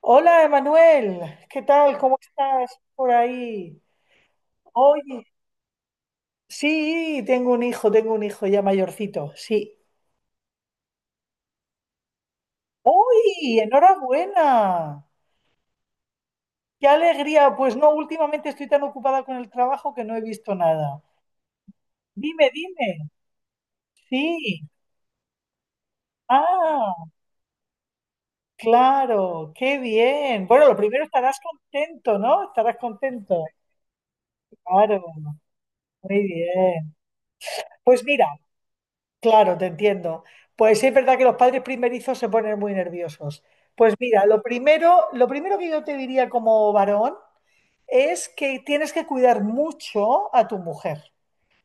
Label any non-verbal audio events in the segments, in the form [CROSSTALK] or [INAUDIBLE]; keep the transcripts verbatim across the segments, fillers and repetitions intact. Hola, Emanuel, ¿qué tal? ¿Cómo estás por ahí? Oye, sí, tengo un hijo, tengo un hijo ya mayorcito, sí. ¡Uy! ¡Enhorabuena! ¡Qué alegría! Pues no, últimamente estoy tan ocupada con el trabajo que no he visto nada. Dime, dime. Sí. Ah, claro, qué bien. Bueno, lo primero estarás contento, ¿no? Estarás contento. Claro, muy bien. Pues mira. Claro, te entiendo. Pues sí es verdad que los padres primerizos se ponen muy nerviosos. Pues mira, lo primero, lo primero que yo te diría como varón es que tienes que cuidar mucho a tu mujer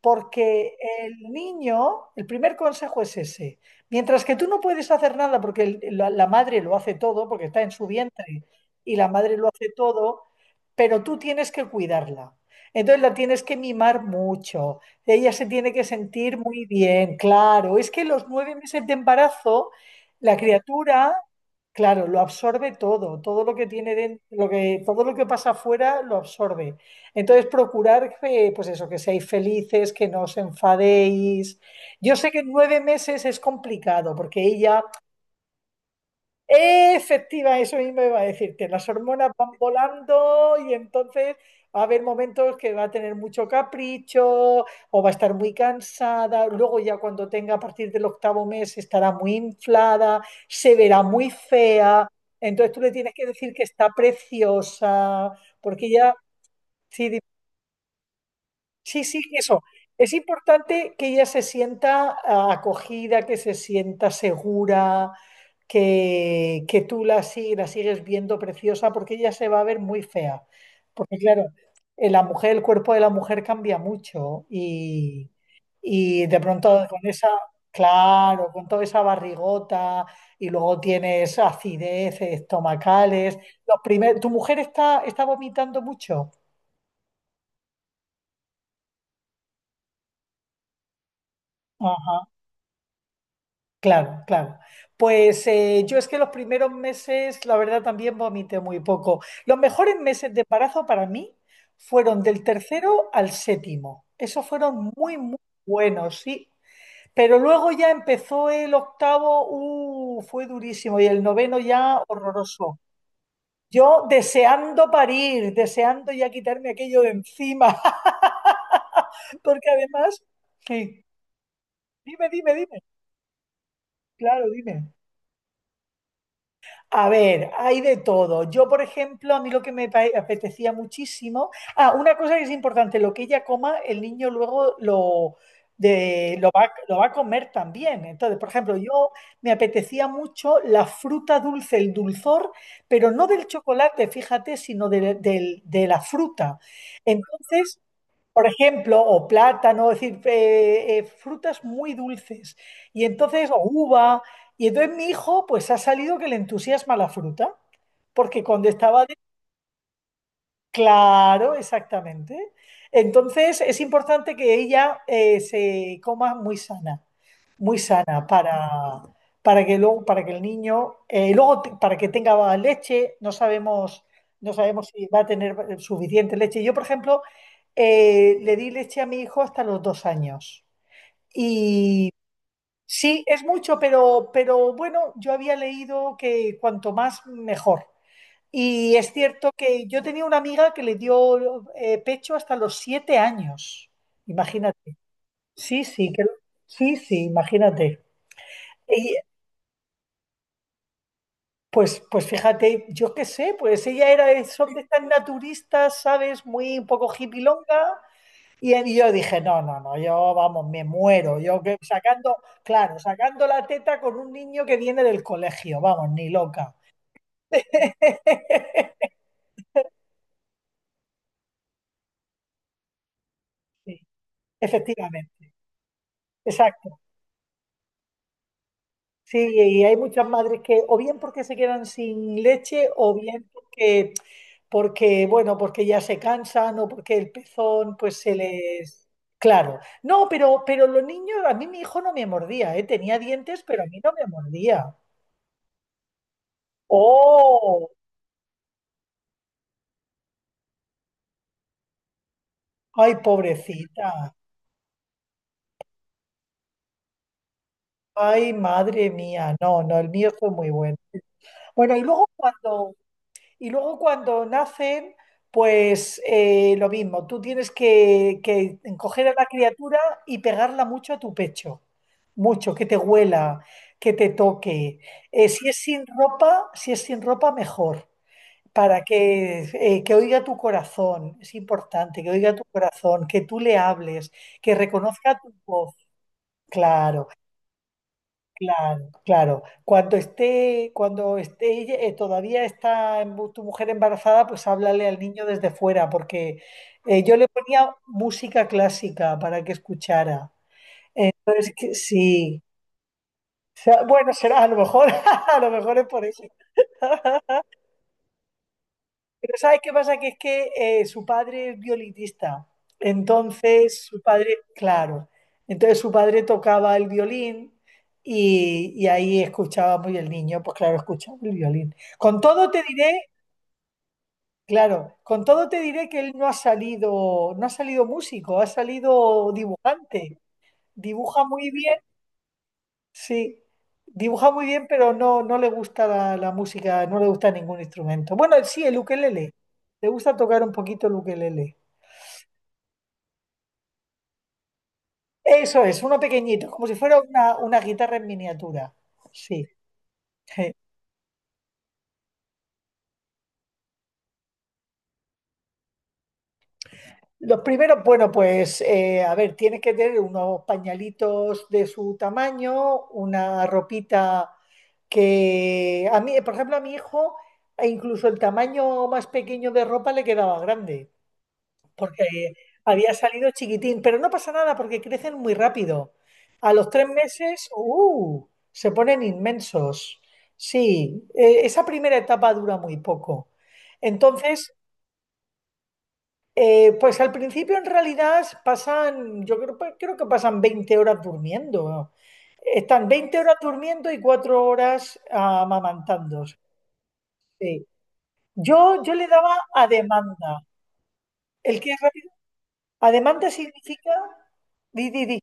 porque el niño, el primer consejo es ese. Mientras que tú no puedes hacer nada porque el- la, la madre lo hace todo, porque está en su vientre y la madre lo hace todo, pero tú tienes que cuidarla. Entonces la tienes que mimar mucho. Ella se tiene que sentir muy bien, claro. Es que los nueve meses de embarazo, la criatura, claro, lo absorbe todo, todo lo que tiene dentro, lo que, todo lo que pasa afuera lo absorbe. Entonces, procurar, eh, pues eso, que seáis felices, que no os enfadéis. Yo sé que nueve meses es complicado, porque ella, eh, efectiva, eso mismo iba a decirte, las hormonas van volando y entonces va a haber momentos que va a tener mucho capricho o va a estar muy cansada. Luego ya cuando tenga a partir del octavo mes estará muy inflada, se verá muy fea. Entonces tú le tienes que decir que está preciosa, porque ella... Sí, sí, sí, eso. Es importante que ella se sienta ah, acogida, que se sienta segura, que, que tú la, sig- la sigues viendo preciosa, porque ella se va a ver muy fea. Porque claro, eh, la mujer, el cuerpo de la mujer cambia mucho y, y de pronto con esa, claro, con toda esa barrigota y luego tienes acidez estomacales. Los primer- ¿tu mujer está, está vomitando mucho? Ajá. Claro, claro. Pues eh, yo es que los primeros meses, la verdad, también vomité muy poco. Los mejores meses de embarazo para mí fueron del tercero al séptimo. Esos fueron muy, muy buenos, sí. Pero luego ya empezó el octavo, uh, fue durísimo, y el noveno ya horroroso. Yo deseando parir, deseando ya quitarme aquello de encima, [LAUGHS] porque además, sí, dime, dime, dime, claro, dime. A ver, hay de todo. Yo, por ejemplo, a mí lo que me apetecía muchísimo. Ah, una cosa que es importante, lo que ella coma, el niño luego lo, de, lo va, lo va a comer también. Entonces, por ejemplo, yo me apetecía mucho la fruta dulce, el dulzor, pero no del chocolate, fíjate, sino de, del- de la fruta. Entonces, por ejemplo, o plátano, es decir, eh, eh, frutas muy dulces. Y entonces, o uva. Y entonces mi hijo, pues ha salido que le entusiasma la fruta, porque cuando estaba de... Claro, exactamente. Entonces es importante que ella eh, se coma muy sana muy sana para, para que luego, para que el niño, eh, luego te- para que tenga leche, no sabemos, no sabemos si va a tener suficiente leche. Yo, por ejemplo, eh, le di leche a mi hijo hasta los dos años. Y sí, es mucho, pero, pero bueno, yo había leído que cuanto más, mejor. Y es cierto que yo tenía una amiga que le dio eh, pecho hasta los siete años. Imagínate. Sí, sí, que, sí, sí, imagínate. Pues, pues fíjate, yo qué sé, pues ella era de, son de estas naturistas, ¿sabes? Muy un poco hippilonga. Y, y yo dije, no, no, no, yo vamos, me muero. Yo que sacando, claro, sacando la teta con un niño que viene del colegio, vamos, ni loca. [LAUGHS] Sí, efectivamente, exacto. Sí, y hay muchas madres que o bien porque se quedan sin leche o bien porque, porque bueno, porque ya se cansan o porque el pezón pues se les... Claro, no, pero, pero los niños, a mí mi hijo no me mordía, ¿eh? Tenía dientes, pero a mí no me mordía. ¡Oh! ¡Ay, pobrecita! ¡Ay, madre mía! No, no, el mío fue muy bueno. Bueno, y luego cuando... Y luego cuando nacen, pues eh, lo mismo, tú tienes que, que coger a la criatura y pegarla mucho a tu pecho, mucho, que te huela, que te toque. Eh, si es sin ropa, si es sin ropa, mejor, para que, eh, que oiga tu corazón, es importante, que oiga tu corazón, que tú le hables, que reconozca tu voz, claro. Claro, claro. Cuando esté, cuando esté ella- eh, todavía está embu- tu mujer embarazada, pues háblale al niño desde fuera, porque eh, yo le ponía música clásica para que escuchara. Pero es que sí. O sea, bueno, será a lo mejor, [LAUGHS] a lo mejor es por eso. Pero ¿sabes qué pasa? Que es que eh, su padre es violinista. Entonces, su padre, claro, entonces su padre tocaba el violín y, y ahí escuchábamos y el niño, pues claro, escuchaba el violín. Con todo te diré, claro, con todo te diré que él no ha salido, no ha salido músico, ha salido dibujante. Dibuja muy bien, sí, dibuja muy bien, pero no, no le gusta la, la música, no le gusta ningún instrumento. Bueno, sí, el ukelele. Le gusta tocar un poquito el ukelele. Eso es, uno pequeñito, como si fuera una, una guitarra en miniatura. Sí. Sí. Los primeros, bueno, pues eh, a ver, tienes que tener unos pañalitos de su tamaño, una ropita que a mí, por ejemplo, a mi hijo, e incluso el tamaño más pequeño de ropa le quedaba grande, porque había salido chiquitín, pero no pasa nada porque crecen muy rápido. A los tres meses, ¡uh! Se ponen inmensos. Sí, eh, esa primera etapa dura muy poco. Entonces, eh, pues al principio en realidad pasan, yo creo, pues, creo que pasan veinte horas durmiendo. Están veinte horas durmiendo y cuatro horas amamantando. Sí. Yo, yo le daba a demanda. ¿El qué es rápido? A demanda significa... Di, di, di.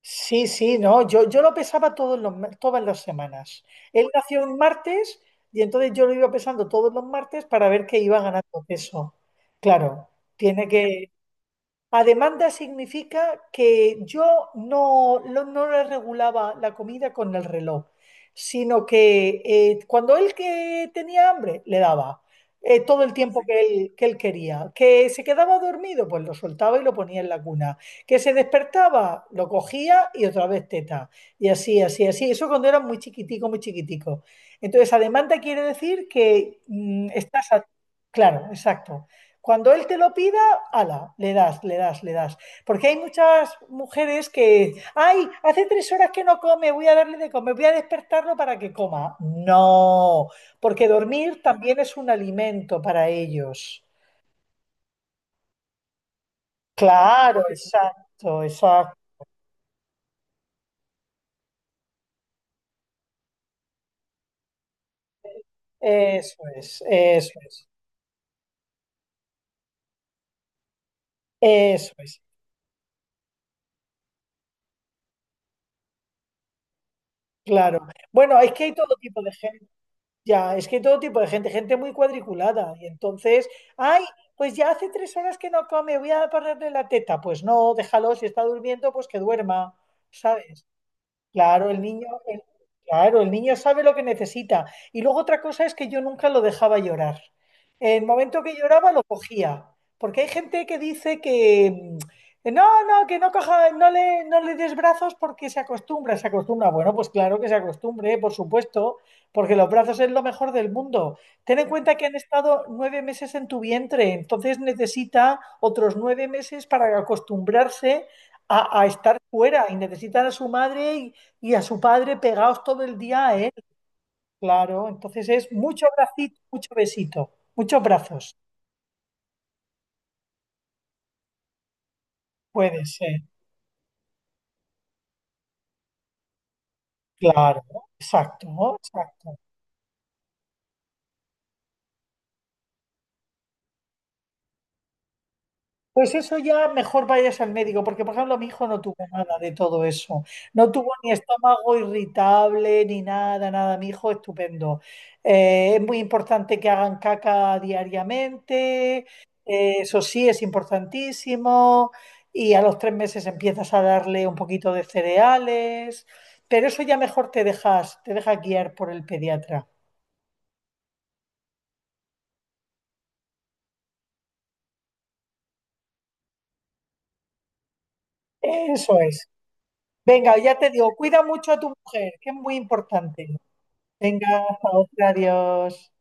Sí, sí, no, yo, yo lo pesaba todos los, ma- todas las semanas. Él nació un martes y entonces yo lo iba pesando todos los martes para ver que iba ganando peso. Claro, tiene que, a demanda significa que yo no, lo- no le regulaba la comida con el reloj, sino que eh, cuando él que tenía hambre, le daba eh, todo el tiempo que él, que él quería. Que se quedaba dormido, pues lo soltaba y lo ponía en la cuna. Que se despertaba, lo cogía y otra vez teta. Y así, así, así. Eso cuando era muy chiquitico, muy chiquitico. Entonces, a demanda quiere decir que mm, estás... a- Claro, exacto. Cuando él te lo pida ala, le das, le das, le das. Porque hay muchas mujeres que, ay, hace tres horas que no come, voy a darle de comer, voy a despertarlo para que coma. No, porque dormir también es un alimento para ellos. Claro, exacto, exacto. Eso es, eso es, eso es. Claro. Bueno, es que hay todo tipo de gente. Ya, es que todo tipo de gente, gente muy cuadriculada. Y entonces, ay, pues ya hace tres horas que no come, voy a ponerle la teta. Pues no, déjalo, si está durmiendo, pues que duerma, ¿sabes? Claro, el niño, el- claro, el niño sabe lo que necesita. Y luego otra cosa es que yo nunca lo dejaba llorar. El momento que lloraba lo cogía, porque hay gente que dice que mm, que no, no, que no coja, no le, no le des brazos porque se acostumbra, se acostumbra. Bueno, pues claro que se acostumbre, por supuesto, porque los brazos es lo mejor del mundo. Ten en cuenta que han estado nueve meses en tu vientre, entonces necesita otros nueve meses para acostumbrarse a, a estar fuera y necesitan a su madre y a su padre pegados todo el día a él, claro. Entonces es mucho bracito, mucho besito, muchos brazos. Puede ser, claro, exacto, exacto. Pues eso ya mejor vayas al médico, porque por ejemplo mi hijo no tuvo nada de todo eso. No tuvo ni estómago irritable, ni nada, nada. Mi hijo estupendo. Eh, es muy importante que hagan caca diariamente, eh, eso sí es importantísimo. Y a los tres meses empiezas a darle un poquito de cereales, pero eso ya mejor te dejas, te dejas guiar por el pediatra. Eso es. Venga, ya te digo, cuida mucho a tu mujer, que es muy importante. Venga, hasta otra, adiós.